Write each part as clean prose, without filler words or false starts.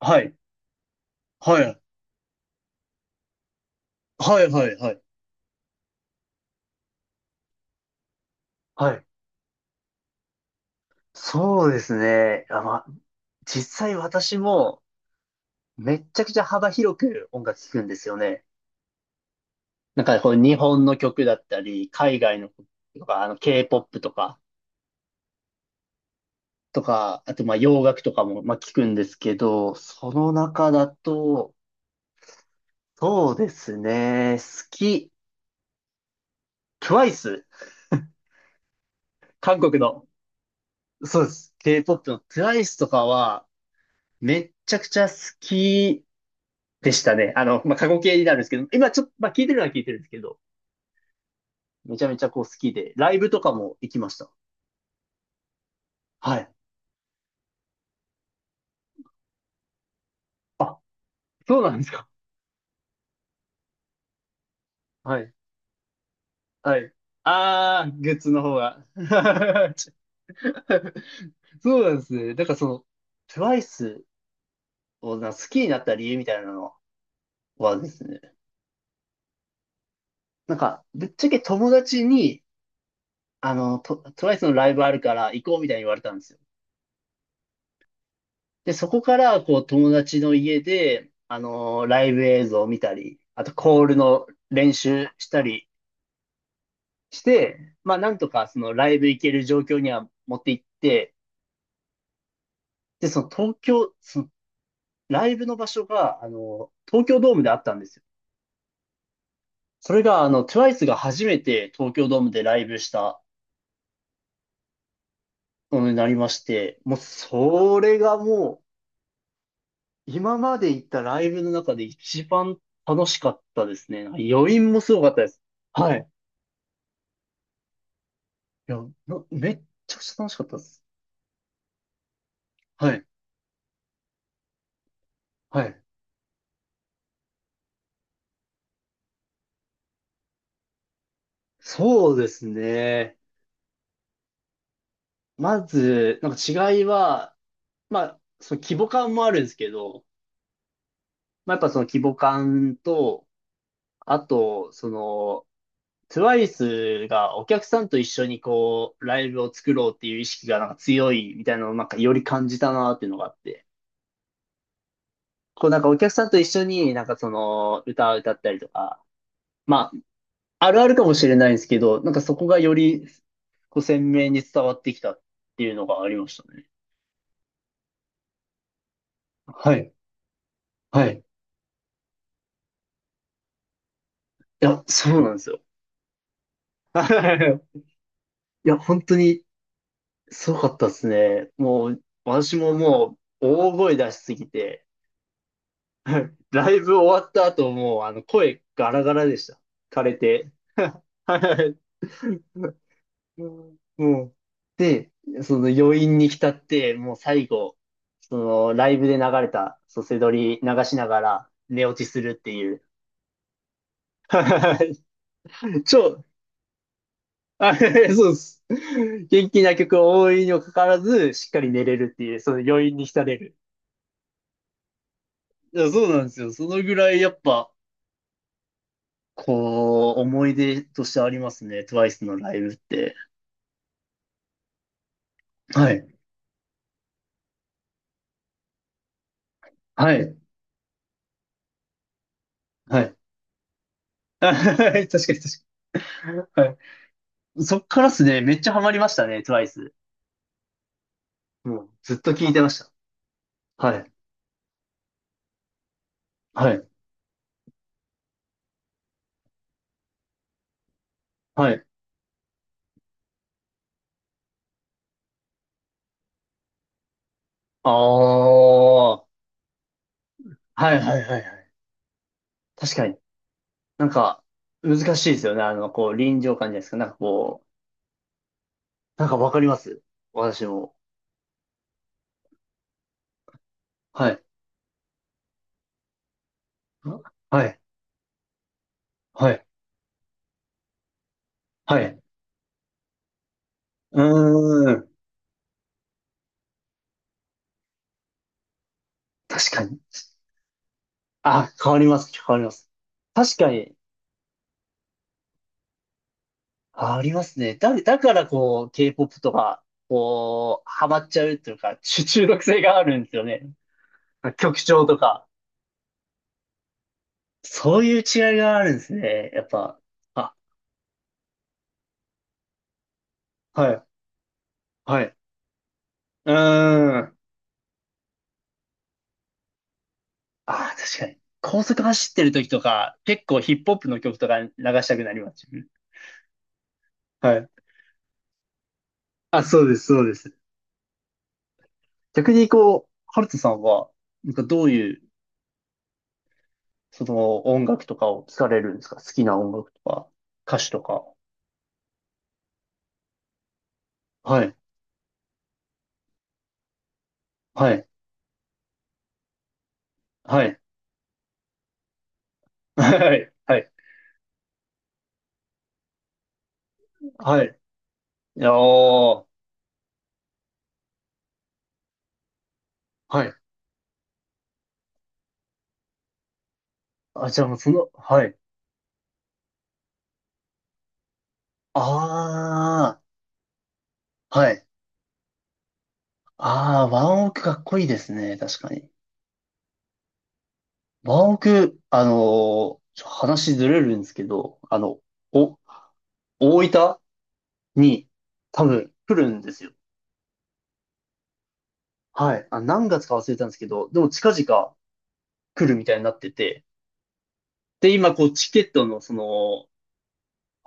はい。はい。はい、はい、はい。はい。そうですね。あ、まあ、実際私もめっちゃくちゃ幅広く音楽聴くんですよね。なんかこう日本の曲だったり、海外の曲とか、K-POP とか、あとまあ洋楽とかもまあ聞くんですけど、その中だと、そうですね。好き。TWICE。韓国の。そうです。K-POP の TWICE とかはめっちゃくちゃ好きでしたね。まあ、過去形になるんですけど、今ちょっと、まあ、聞いてるのは聞いてるんですけど、めちゃめちゃこう好きで、ライブとかも行きました。はい。あ、そうなんですか。はい。はい。グッズの方が。そうなんですね。だからその、TWICE を好きになった理由みたいなのはですね、なんか、ぶっちゃけ友達に、TWICE のライブあるから行こうみたいに言われたんですよ。で、そこから、こう、友達の家で、ライブ映像を見たり、あと、コールの練習したりして、まあ、なんとか、その、ライブ行ける状況には持って行って、で、その、東京、その、ライブの場所が、東京ドームであったんですよ。それが、TWICE が初めて東京ドームでライブしたものになりまして、もう、それがもう、今まで行ったライブの中で一番楽しかったですね。なんか余韻もすごかったです。はい。いや、めっちゃくちゃ楽しかったです。はい。はい。そうですね。まず、なんか違いは、まあ、その規模感もあるんですけど、まあ、やっぱその規模感と、あと、その、TWICE がお客さんと一緒にこう、ライブを作ろうっていう意識がなんか強いみたいなのをなんかより感じたなっていうのがあって、こうなんかお客さんと一緒になんかその、歌を歌ったりとか、まあ、あるあるかもしれないんですけど、なんかそこがよりこう鮮明に伝わってきたっていうのがありましたね。はい。はい。いや、そうなんですよ。いや、本当にすごかったですね。もう、私ももう大声出しすぎて、ライブ終わった後もう、声ガラガラでした。枯れて。はい、うん、もう、で、その余韻に浸って、もう最後、そのライブで流れた、セドり流しながら寝落ちするっていう。超、あ、そうです。元気な曲が多いにもかかわらず、しっかり寝れるっていう、その余韻に浸れる。いや、そうなんですよ。そのぐらいやっぱ、こう、思い出としてありますね。TWICE のライブって。はい。はい。はい。確かに、確かに。はい。そっからっすね、めっちゃハマりましたね、TWICE。もう、ずっと聞いてました。はい。はい。はい。ああ。はい、はい、はい、はい。確かに。なんか、難しいですよね。こう、臨場感じゃないですか。なんかこなんかわかります、私も。はい。はい。はい。はい。うーん。確かに。あ、変わります、変わります。確かに。あ、りますね。だからこう、K-POP とか、こう、ハマっちゃうというか、中毒性があるんですよね。曲調とか。そういう違いがあるんですね。やっぱ。あ、はい。はい。うーん。あ、確かに。高速走ってる時とか、結構ヒップホップの曲とか流したくなります。はい。あ、そうです、そうです。逆にこう、ハルトさんは、なんかどういう、その音楽とかを聞かれるんですか。好きな音楽とか、歌手とか。はい、はい、はい、はい、はい、はい。いやー、はい。あ、じゃあもうその、はい。あー、はい。あー、ワンオクかっこいいですね、確かに。ワンオク、あのーちょ話ずれるんですけど、お、大分に多分来るんですよ。はい。あ、何月か忘れたんですけど、でも近々来るみたいになってて、で、今こうチケットのその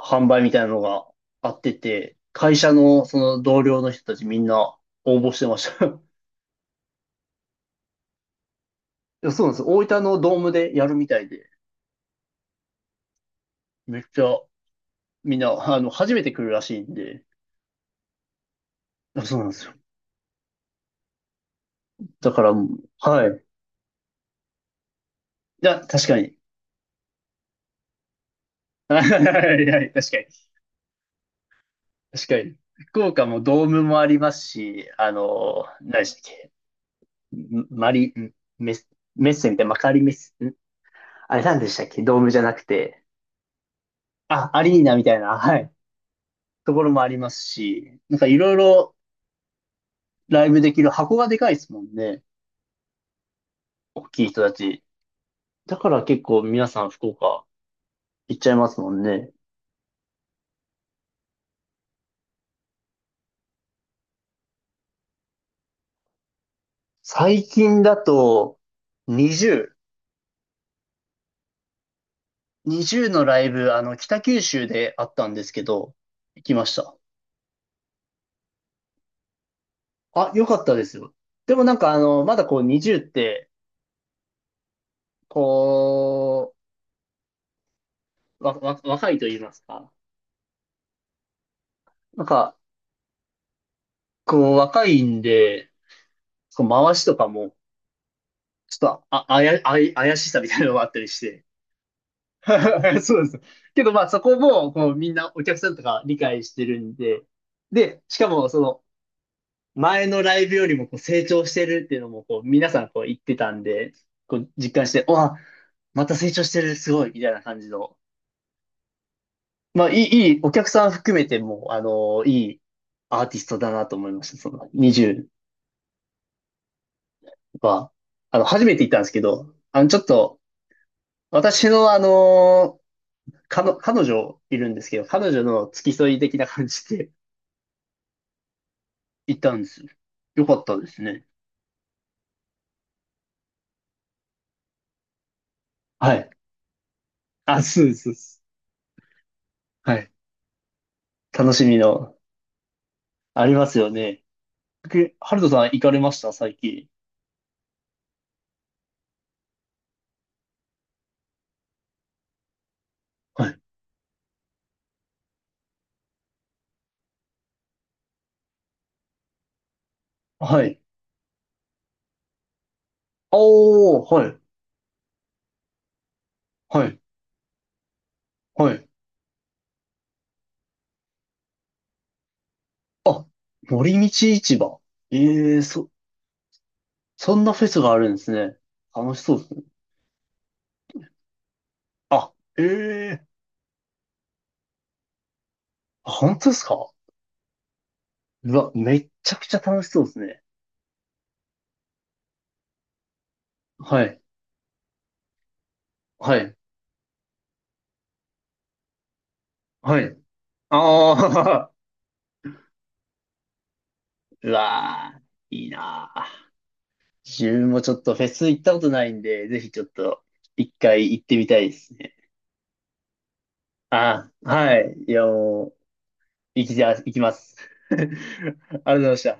販売みたいなのがあってて、会社のその同僚の人たちみんな応募してました。いや、そうなんです。大分のドームでやるみたいで、めっちゃみんな、初めて来るらしいんで、あ、そうなんですよ。だからもう、はい。いや、確かに。はい、はい、はい、確かに。確かに。福岡もドームもありますし、何でしたっけ。マリ、んメス、メッセみたいな、マカリメッセ、あれなんでしたっけ。ドームじゃなくて。あ、アリーナみたいな、はい。ところもありますし、なんかいろいろライブできる箱がでかいですもんね。大きい人たち。だから結構皆さん福岡行っちゃいますもんね。最近だと20、20のライブ、北九州であったんですけど、行きました。あ、良かったですよ。でもなんかまだこう20って、こう、若いと言いますか。なんか、こう、若いんで、こう回しとかも、ちょっと、あ、あや、あや怪しさみたいなのがあったりして。そうです。けど、まあ、そこも、こう、みんなお客さんとか理解してるんで、で、しかも、その、前のライブよりも、こう、成長してるっていうのも、こう、皆さん、こう、言ってたんで、こう、実感して、また成長してる、すごい、みたいな感じの。まあ、いい、お客さん含めても、いいアーティストだなと思いました。その、20、は、初めて行ったんですけど、ちょっと、私の彼女いるんですけど、彼女の付き添い的な感じで 行ったんですよ。よかったですね。はい。あ、そうです、そうです。はい。楽しみの、ありますよね。ハルトさん行かれました、最近？はい。はい。おー、はい。はい。はい。あ、森道市場。ええ、そんなフェスがあるんですね。楽しそうですね。あ、ええ、あ、本当ですか？うわ、めっちゃくちゃ楽しそうですね。はい。はい。はい。ああ、うわー、いいなー。自分もちょっとフェス行ったことないんで、ぜひちょっと一回行ってみたいですね。ああ、はい。いや、もう、行きます。ありがとうございました。